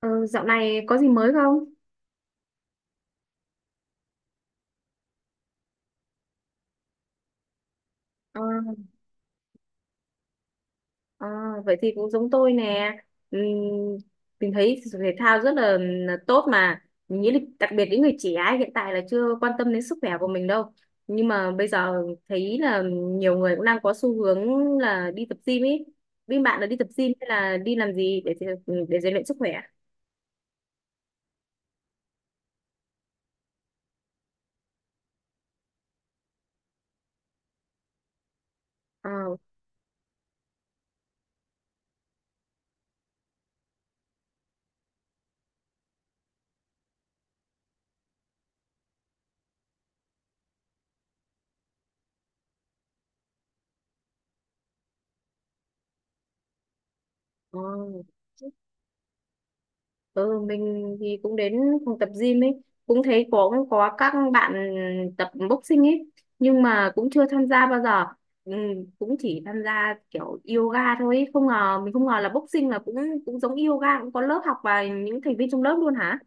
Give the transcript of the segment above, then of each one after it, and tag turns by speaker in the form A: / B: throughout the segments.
A: Ờ, dạo này có gì mới không? Ờ, ờ, vậy thì cũng giống tôi nè. Ừm, mình thấy thể thao rất là tốt mà. Mình nghĩ là đặc biệt những người trẻ ấy, hiện tại là chưa quan tâm đến sức khỏe của mình đâu. Nhưng mà bây giờ thấy là nhiều người cũng đang có xu hướng là đi tập gym ấy. Bên bạn là đi tập gym hay là đi làm gì để rèn luyện sức khỏe? Ờ, ờ. Ừ, mình thì cũng đến phòng tập gym ấy, cũng thấy có các bạn tập boxing ấy, nhưng mà cũng chưa tham gia bao giờ, ừ, cũng chỉ tham gia kiểu yoga thôi ấy. Không ngờ mình không ngờ là boxing là cũng cũng giống yoga, cũng có lớp học và những thành viên trong lớp luôn hả?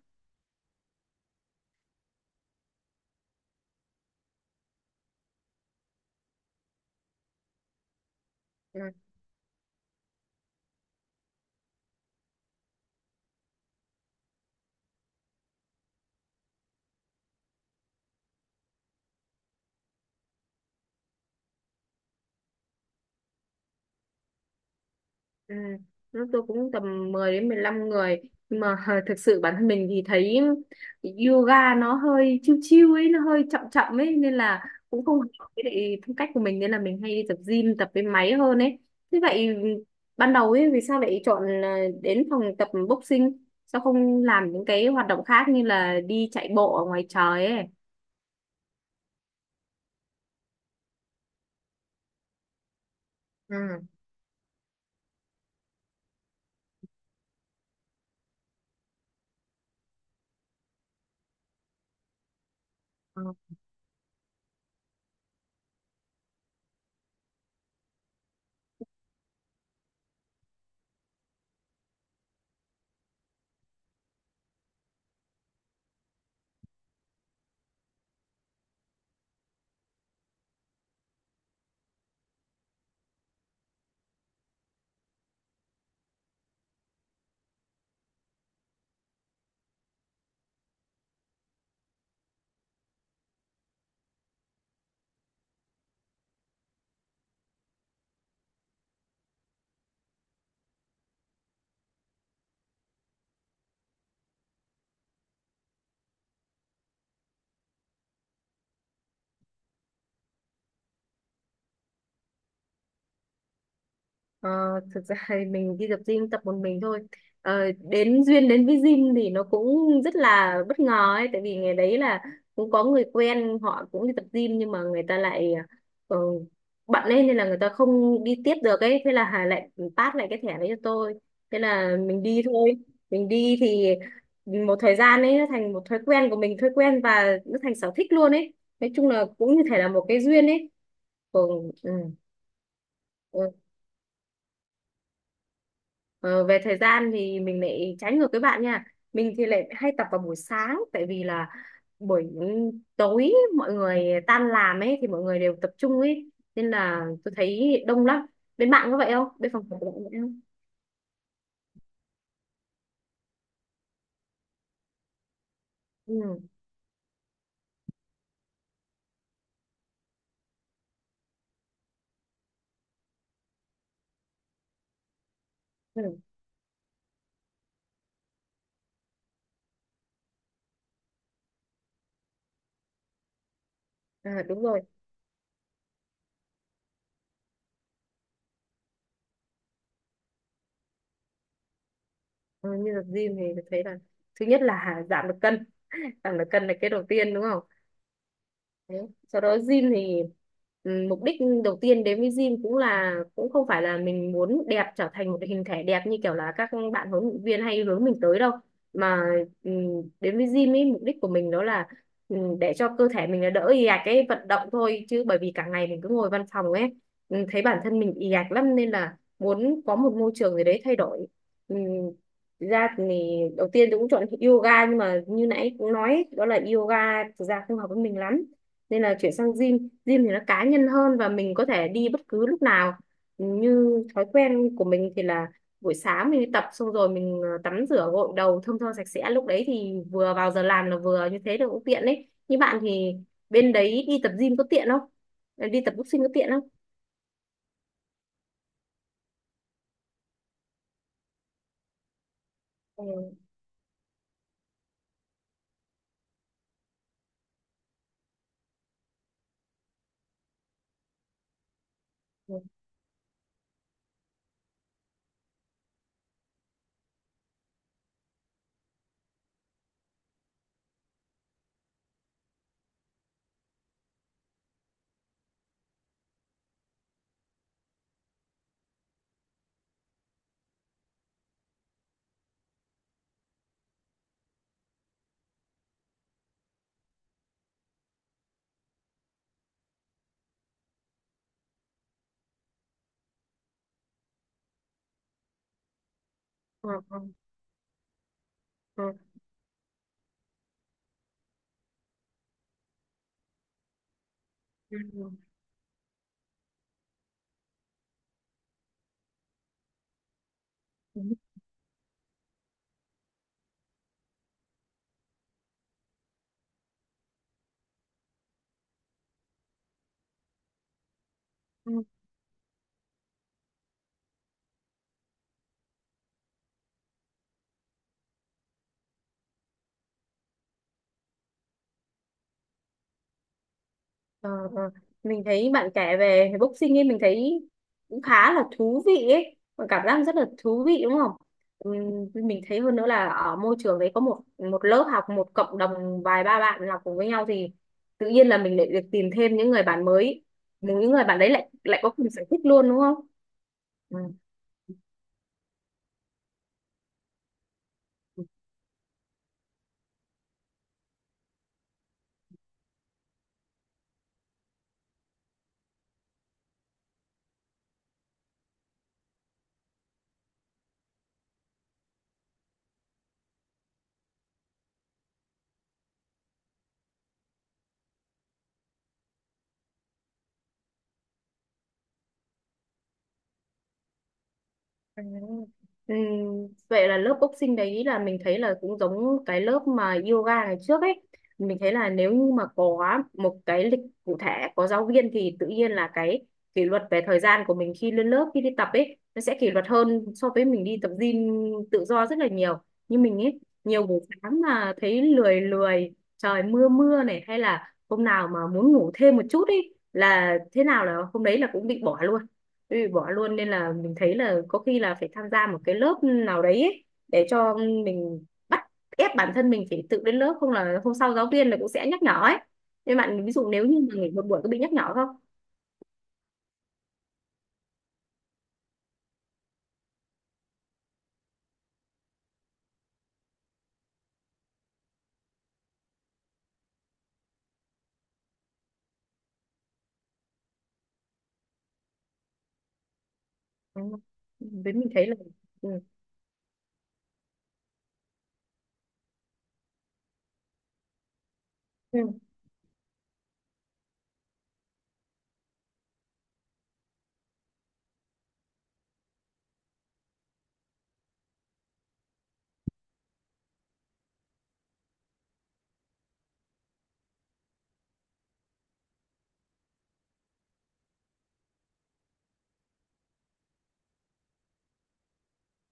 A: Ừ. Lúc tôi cũng tầm 10 đến 15 người, nhưng mà thực sự bản thân mình thì thấy yoga nó hơi chill chill ấy, nó hơi chậm chậm ấy, nên là cũng không hợp với lại phong cách của mình, nên là mình hay đi tập gym, tập với máy hơn ấy. Thế vậy ban đầu ấy vì sao lại chọn là đến phòng tập boxing, sao không làm những cái hoạt động khác như là đi chạy bộ ở ngoài trời ấy? Ừ. Ờ, thực ra thì mình đi tập gym tập một mình thôi. Ờ, đến duyên đến với gym thì nó cũng rất là bất ngờ ấy, tại vì ngày đấy là cũng có người quen họ cũng đi tập gym, nhưng mà người ta lại, ờ, bận lên nên là người ta không đi tiếp được ấy, thế là Hà lại pass lại cái thẻ đấy cho tôi, thế là mình đi thôi. Mình đi thì một thời gian ấy nó thành một thói quen của mình, thói quen và nó thành sở thích luôn ấy. Nói chung là cũng như thể là một cái duyên ấy. Còn. Ừ. Ừ. Ờ, về thời gian thì mình lại trái ngược với bạn nha. Mình thì lại hay tập vào buổi sáng, tại vì là buổi tối mọi người tan làm ấy thì mọi người đều tập trung ấy, nên là tôi thấy đông lắm. Bên bạn có vậy không, bên phòng của bạn có vậy không? Ừ, ừ. À, đúng rồi. Ờ, như tập gym thì tôi thấy là thứ nhất là giảm được cân, giảm được cân là cái đầu tiên đúng không? Đấy. Sau đó gym thì, ừ, mục đích đầu tiên đến với gym cũng là cũng không phải là mình muốn đẹp, trở thành một hình thể đẹp như kiểu là các bạn huấn luyện viên hay hướng mình tới đâu, mà, ừ, đến với gym ấy, mục đích của mình đó là, ừ, để cho cơ thể mình nó đỡ ì ạch, cái vận động thôi, chứ bởi vì cả ngày mình cứ ngồi văn phòng ấy, ừ, thấy bản thân mình ì ạch lắm nên là muốn có một môi trường gì đấy thay đổi. Ừ, thực ra thì đầu tiên tôi cũng chọn yoga, nhưng mà như nãy cũng nói ấy, đó là yoga thực ra không hợp với mình lắm, nên là chuyển sang gym. Gym thì nó cá nhân hơn và mình có thể đi bất cứ lúc nào, như thói quen của mình thì là buổi sáng mình đi tập xong rồi mình, ờ, tắm rửa gội đầu thơm tho sạch sẽ, lúc đấy thì vừa vào giờ làm là vừa như thế được, cũng tiện đấy. Như bạn thì bên đấy đi tập gym có tiện không, đi tập boxing có tiện không? Ừ. Ừ. Ừ. Ừ. Ừ. Ừ. Ờ, ờ. Mình thấy bạn kể về boxing ấy mình thấy cũng khá là thú vị ấy, và cảm giác rất là thú vị đúng không? Ừm, mình thấy hơn nữa là ở môi trường đấy có một một lớp học, một cộng đồng vài ba bạn học cùng với nhau, thì tự nhiên là mình lại được tìm thêm những người bạn mới, những người bạn đấy lại lại có cùng sở thích luôn đúng không? Ừ. Ừ, vậy là lớp boxing đấy là mình thấy là cũng giống cái lớp mà yoga ngày trước ấy. Mình thấy là nếu như mà có một cái lịch cụ thể, có giáo viên thì tự nhiên là cái kỷ luật về thời gian của mình khi lên lớp, khi đi tập ấy, nó sẽ kỷ luật hơn so với mình đi tập gym tự do rất là nhiều. Như mình ấy, nhiều buổi sáng mà thấy lười lười, trời mưa mưa này hay là hôm nào mà muốn ngủ thêm một chút ấy là thế nào là hôm đấy là cũng bị bỏ luôn, bị bỏ luôn, nên là mình thấy là có khi là phải tham gia một cái lớp nào đấy ấy, để cho mình bắt ép bản thân mình phải tự đến lớp, không là hôm sau giáo viên là cũng sẽ nhắc nhở ấy. Nên bạn ví dụ nếu như mà nghỉ một buổi có bị nhắc nhở không? Ừ. Với mình thấy là, ừ. Ừ.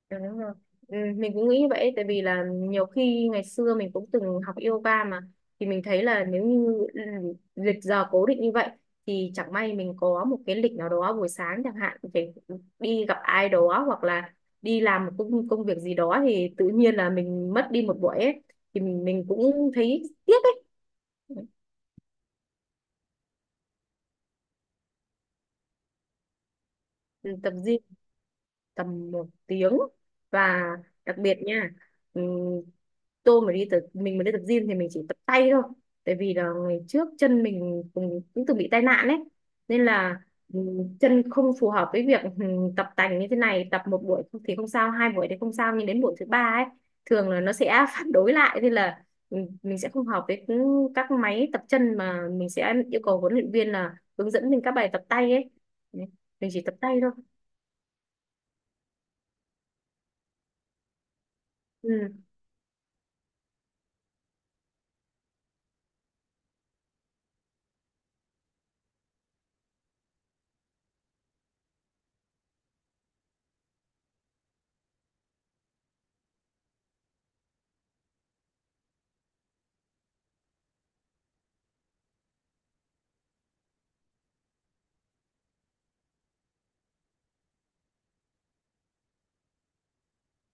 A: Ừ, đúng rồi. Ừ, mình cũng nghĩ vậy tại vì là nhiều khi ngày xưa mình cũng từng học yoga mà, thì mình thấy là nếu như, ừ, lịch giờ cố định như vậy thì chẳng may mình có một cái lịch nào đó buổi sáng chẳng hạn phải đi gặp ai đó hoặc là đi làm một công việc gì đó thì tự nhiên là mình mất đi một buổi ấy, thì mình cũng thấy tiếc ấy. Ừ, tập gym tầm 1 tiếng. Và đặc biệt nha, ừm, tôi mà đi tập mình mà đi tập gym thì mình chỉ tập tay thôi, tại vì là ngày trước chân mình cũng từng bị tai nạn đấy nên là, chân không phù hợp với việc, tập tành như thế này, tập một buổi thì không sao, hai buổi thì không sao, nhưng đến buổi thứ ba ấy thường là nó sẽ phản đối lại, nên là mình sẽ không hợp với những các máy tập chân, mà mình sẽ yêu cầu huấn luyện viên là hướng dẫn mình các bài tập tay ấy. Đấy, mình chỉ tập tay thôi. Ừ.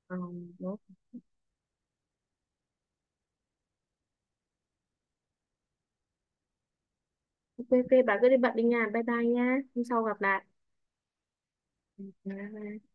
A: Ờ, đúng. Ok ok, bà cứ đi bận đi nha, bye bye nha, hôm sau gặp lại. Ừ, bye bye.